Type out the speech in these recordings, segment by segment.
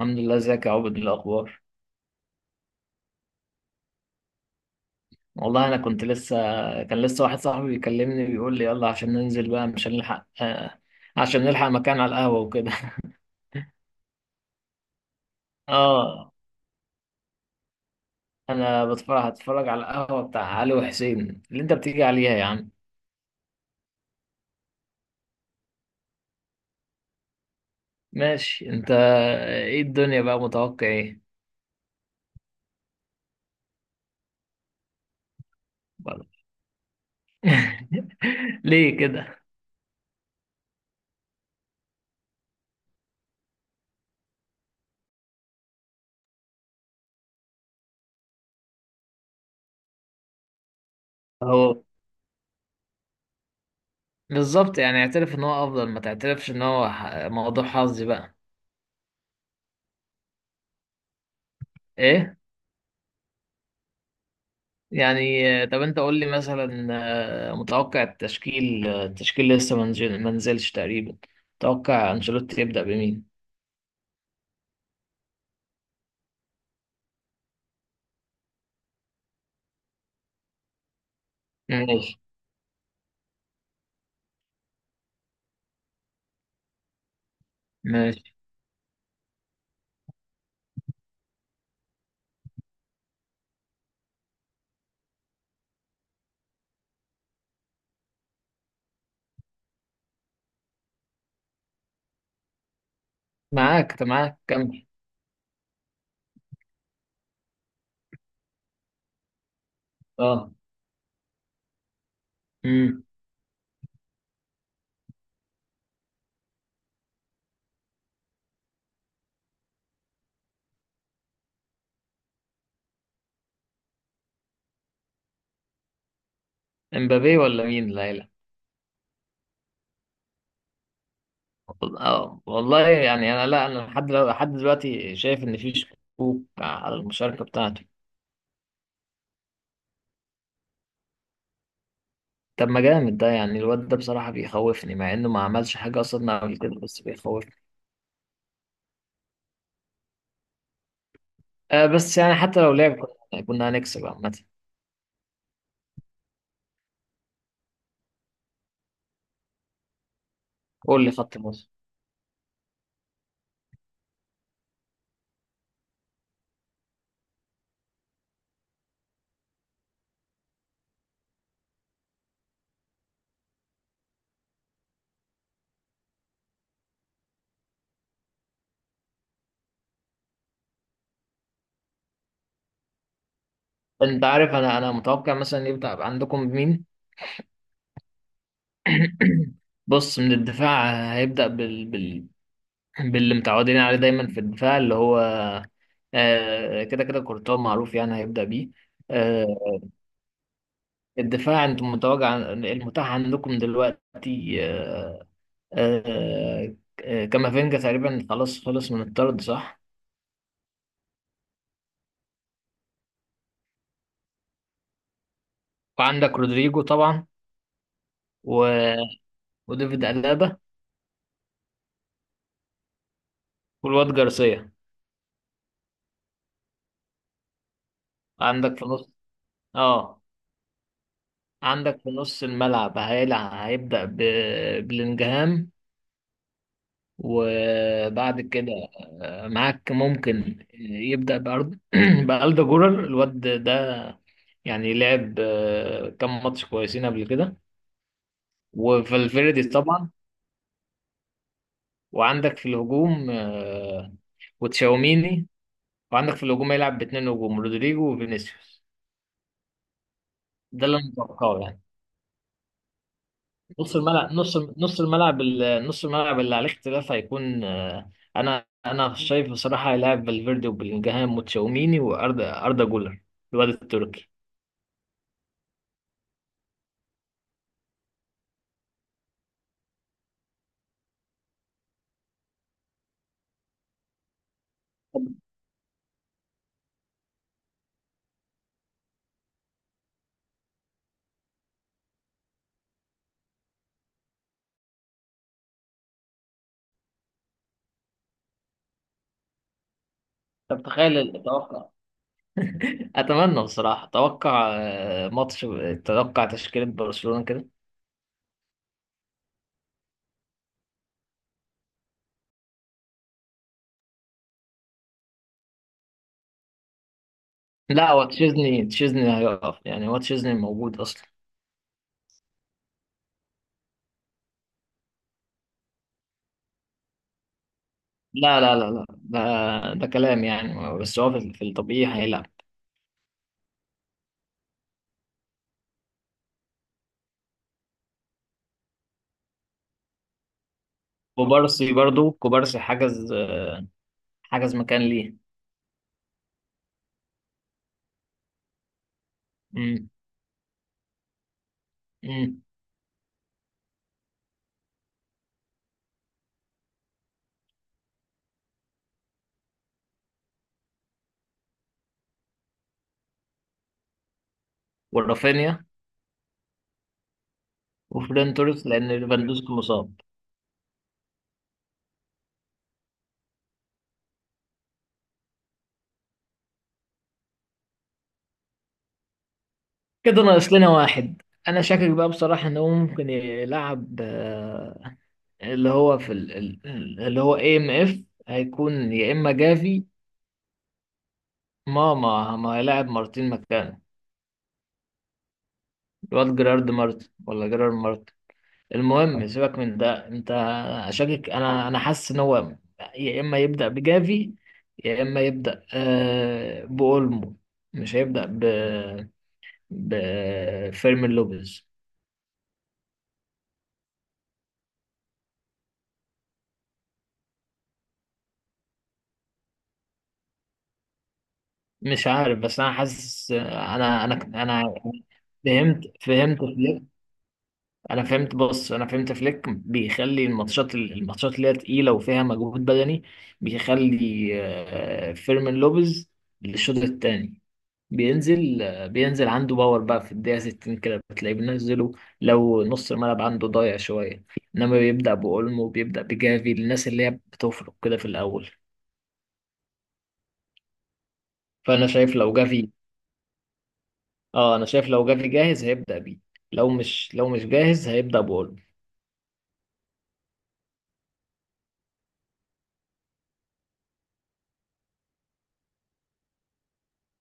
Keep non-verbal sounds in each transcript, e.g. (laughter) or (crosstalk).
الحمد لله. ازيك يا عبد؟ إيه الاخبار؟ والله انا كنت لسه كان لسه واحد صاحبي بيكلمني بيقول لي يلا عشان ننزل بقى مش هنلحق عشان نلحق مكان على القهوه وكده. (laughs) اه. انا هتفرج على القهوه بتاع علي وحسين اللي انت بتيجي عليها يا عم. ماشي. انت ايه الدنيا بقى؟ متوقع ايه؟ برضه؟ (laughs) ليه كده؟ هو بالظبط، يعني اعترف ان هو افضل ما تعترفش ان هو موضوع حظي بقى. ايه؟ يعني طب انت قول لي مثلا متوقع التشكيل لسه ما نزلش تقريبا. متوقع انشيلوتي يبدأ بمين؟ ماشي. ماشي معاك. طب كمل. اه. امم امبابي ولا مين ليلى؟ اه والله، يعني انا لا انا لحد لحد دلوقتي شايف ان في شكوك على المشاركة بتاعته. طب ما جامد ده، يعني الواد ده بصراحة بيخوفني مع انه ما عملش حاجة اصلا قبل كده، بس بيخوفني. بس يعني حتى لو لعب كنا هنكسب عامة. قول لي خط النص. انت عارف، انا متوقع مثلا يبدأ عندكم مين. (clears throat) بص، من الدفاع هيبدأ باللي متعودين عليه دايما في الدفاع، اللي هو كده كده كورتوا معروف يعني هيبدأ بيه. آه، الدفاع انتم متوقع المتاح عندكم دلوقتي آه، كامافينجا تقريبا خلاص خلص من الطرد، صح؟ وعندك رودريجو طبعا، و... وديفيد ألابا والواد جارسيا. عندك في نص اه عندك في نص الملعب هيبدأ ببلينجهام. وبعد كده معاك، ممكن يبدأ (clears throat) بألدا جولر الواد ده. يعني لعب كام ماتش كويسين قبل كده. وفالفيردي طبعا. وعندك في الهجوم وتشاوميني. وعندك في الهجوم هيلعب باتنين هجوم، رودريجو وفينيسيوس. ده اللي انا متوقعه يعني. نص الملعب نص نص الملعب ال- نص الملعب اللي عليه اختلاف هيكون انا شايف بصراحه هيلاعب فالفيردي وبلينجهام وتشاوميني واردا جولر، الواد التركي. طب تخيل التوقع. (laughs) اتمنى بصراحه اتوقع ماتش، اتوقع تشكيله برشلونه كده. لا، هو تشيزني هيقف يعني، هو تشيزني موجود اصلا. لا لا لا لا، ده كلام يعني، بس هو في الطبيعي هيلعب. كوبارسي برضو، كوبارسي حجز مكان. ليه؟ مم. ورافينيا وفران توريس، لان ليفاندوسكي مصاب. كده ناقص لنا واحد. انا شاكك بقى بصراحه ان هو ممكن يلعب اللي هو في اللي هو AMF، هيكون يا اما جافي. ما هيلاعب مارتين مكانه، الواد جيرارد مارتن ولا جيرارد مارتن. المهم سيبك من ده انت. شاكك، انا حاسس ان هو يا اما يبدا بجافي، يا اما يبدا باولمو. مش هيبدا بفيرمين لوبيز. مش عارف، بس انا حاسس، انا فهمت فليك. انا فهمت. بص انا فهمت فليك بيخلي الماتشات اللي هي تقيله وفيها مجهود بدني، بيخلي فيرمين لوبيز للشوط الثاني. بينزل عنده باور بقى في الدقيقه 60 كده بتلاقيه بينزله. لو نص الملعب عنده ضايع شويه، انما بيبدا باولمو، بيبدا بجافي، الناس اللي هي بتفرق كده في الاول. فانا شايف لو جافي. اه انا شايف لو جري جاهز هيبدأ بيه، لو مش جاهز هيبدأ بقوله.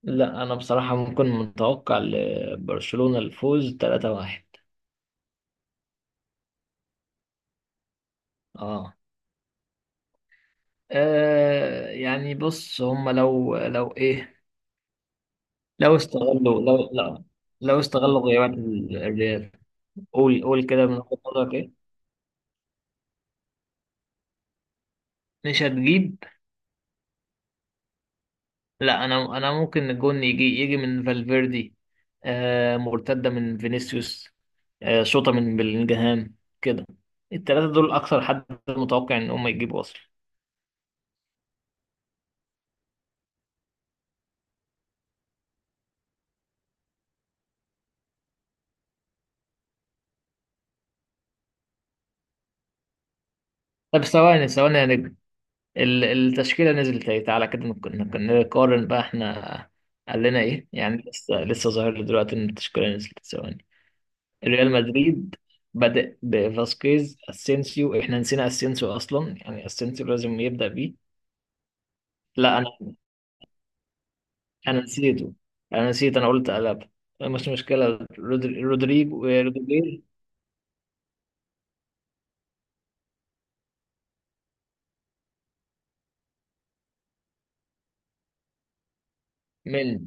لا انا بصراحة ممكن متوقع لبرشلونة الفوز 3-1. اه. يعني بص هم، لو ايه، لو استغلوا لو لا لو استغلوا غيابات الريال. قول قول كده من وجهة نظرك ايه. مش هتجيب. لا، انا ممكن الجون يجي من فالفيردي، مرتده من فينيسيوس، شوطه من بلينجهام، كده. الثلاثه دول اكثر حد متوقع ان هم يجيبوا اصلا. طب ثواني ثواني يا نجم. التشكيله نزلت اهي. تعالى كده نقارن بقى احنا قال لنا ايه. يعني لسه لسه ظاهر لي دلوقتي ان التشكيله نزلت ثواني. ريال مدريد بدأ بفاسكيز، اسينسيو. احنا نسينا اسينسيو اصلا. يعني اسينسيو لازم يبدأ بيه. لا انا نسيته. انا نسيت. انا قلت، قلب، مش مشكله. رودريجو. من؟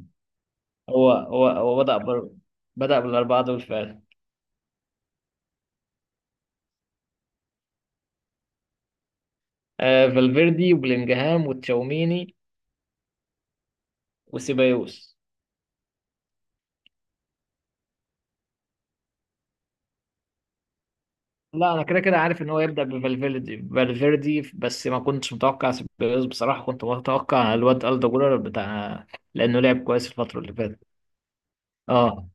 هو بدأ بالاربعه دول فعلا. فالفيردي وبلينجهام وتشاوميني وسيبايوس. لا انا كده كده عارف ان هو يبدأ بفالفيردي، بس ما كنتش متوقع سيبايوس بصراحه. كنت متوقع الواد ألدا جولر بتاع، لانه لعب كويس الفتره اللي فاتت. اه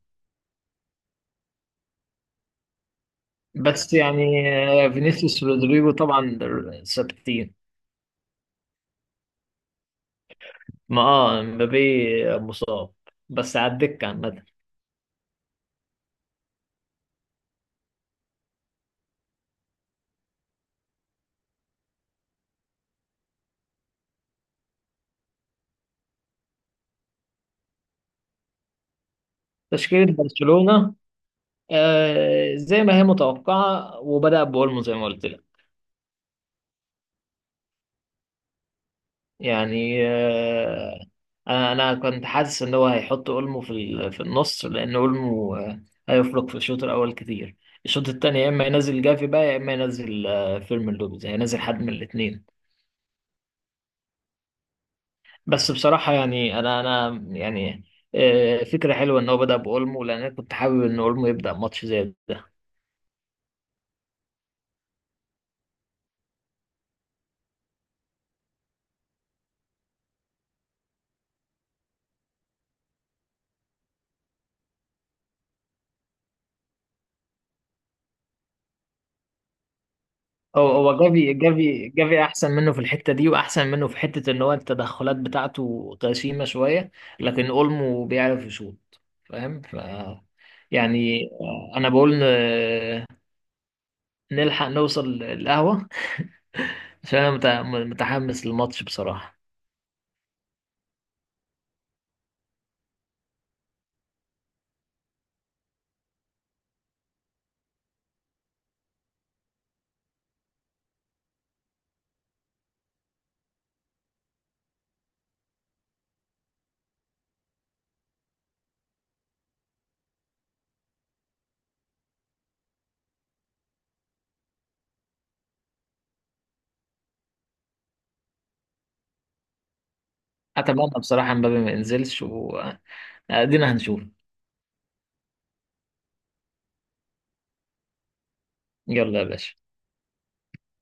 بس يعني فينيسيوس رودريجو طبعا. 60. ما اه مبابي مصاب بس على الدكة عامة. تشكيلة برشلونة زي ما هي متوقعة وبدأ بأولمو زي ما قلت لك. يعني أنا كنت حاسس إن هو هيحط أولمو في في النص لأن أولمو هيفرق في الشوط الأول كتير. الشوط التاني يا إما ينزل جافي بقى، يا إما ينزل فيرمين لوبيز. هينزل حد من الاتنين. بس بصراحة يعني أنا يعني فكرة حلوة إن هو بدأ بأولمو، لأن أنا كنت حابب إن أولمو يبدأ ماتش زي ده. هو جافي احسن منه في الحته دي، واحسن منه في حته ان هو التدخلات بتاعته غشيمه شويه، لكن اولمو بيعرف يشوط. فاهم؟ يعني انا بقول نلحق نوصل القهوه عشان انا متحمس للماتش بصراحه. اتمنى بصراحه مبابي ما ينزلش وادينا. هنشوف. يلا يا باشا.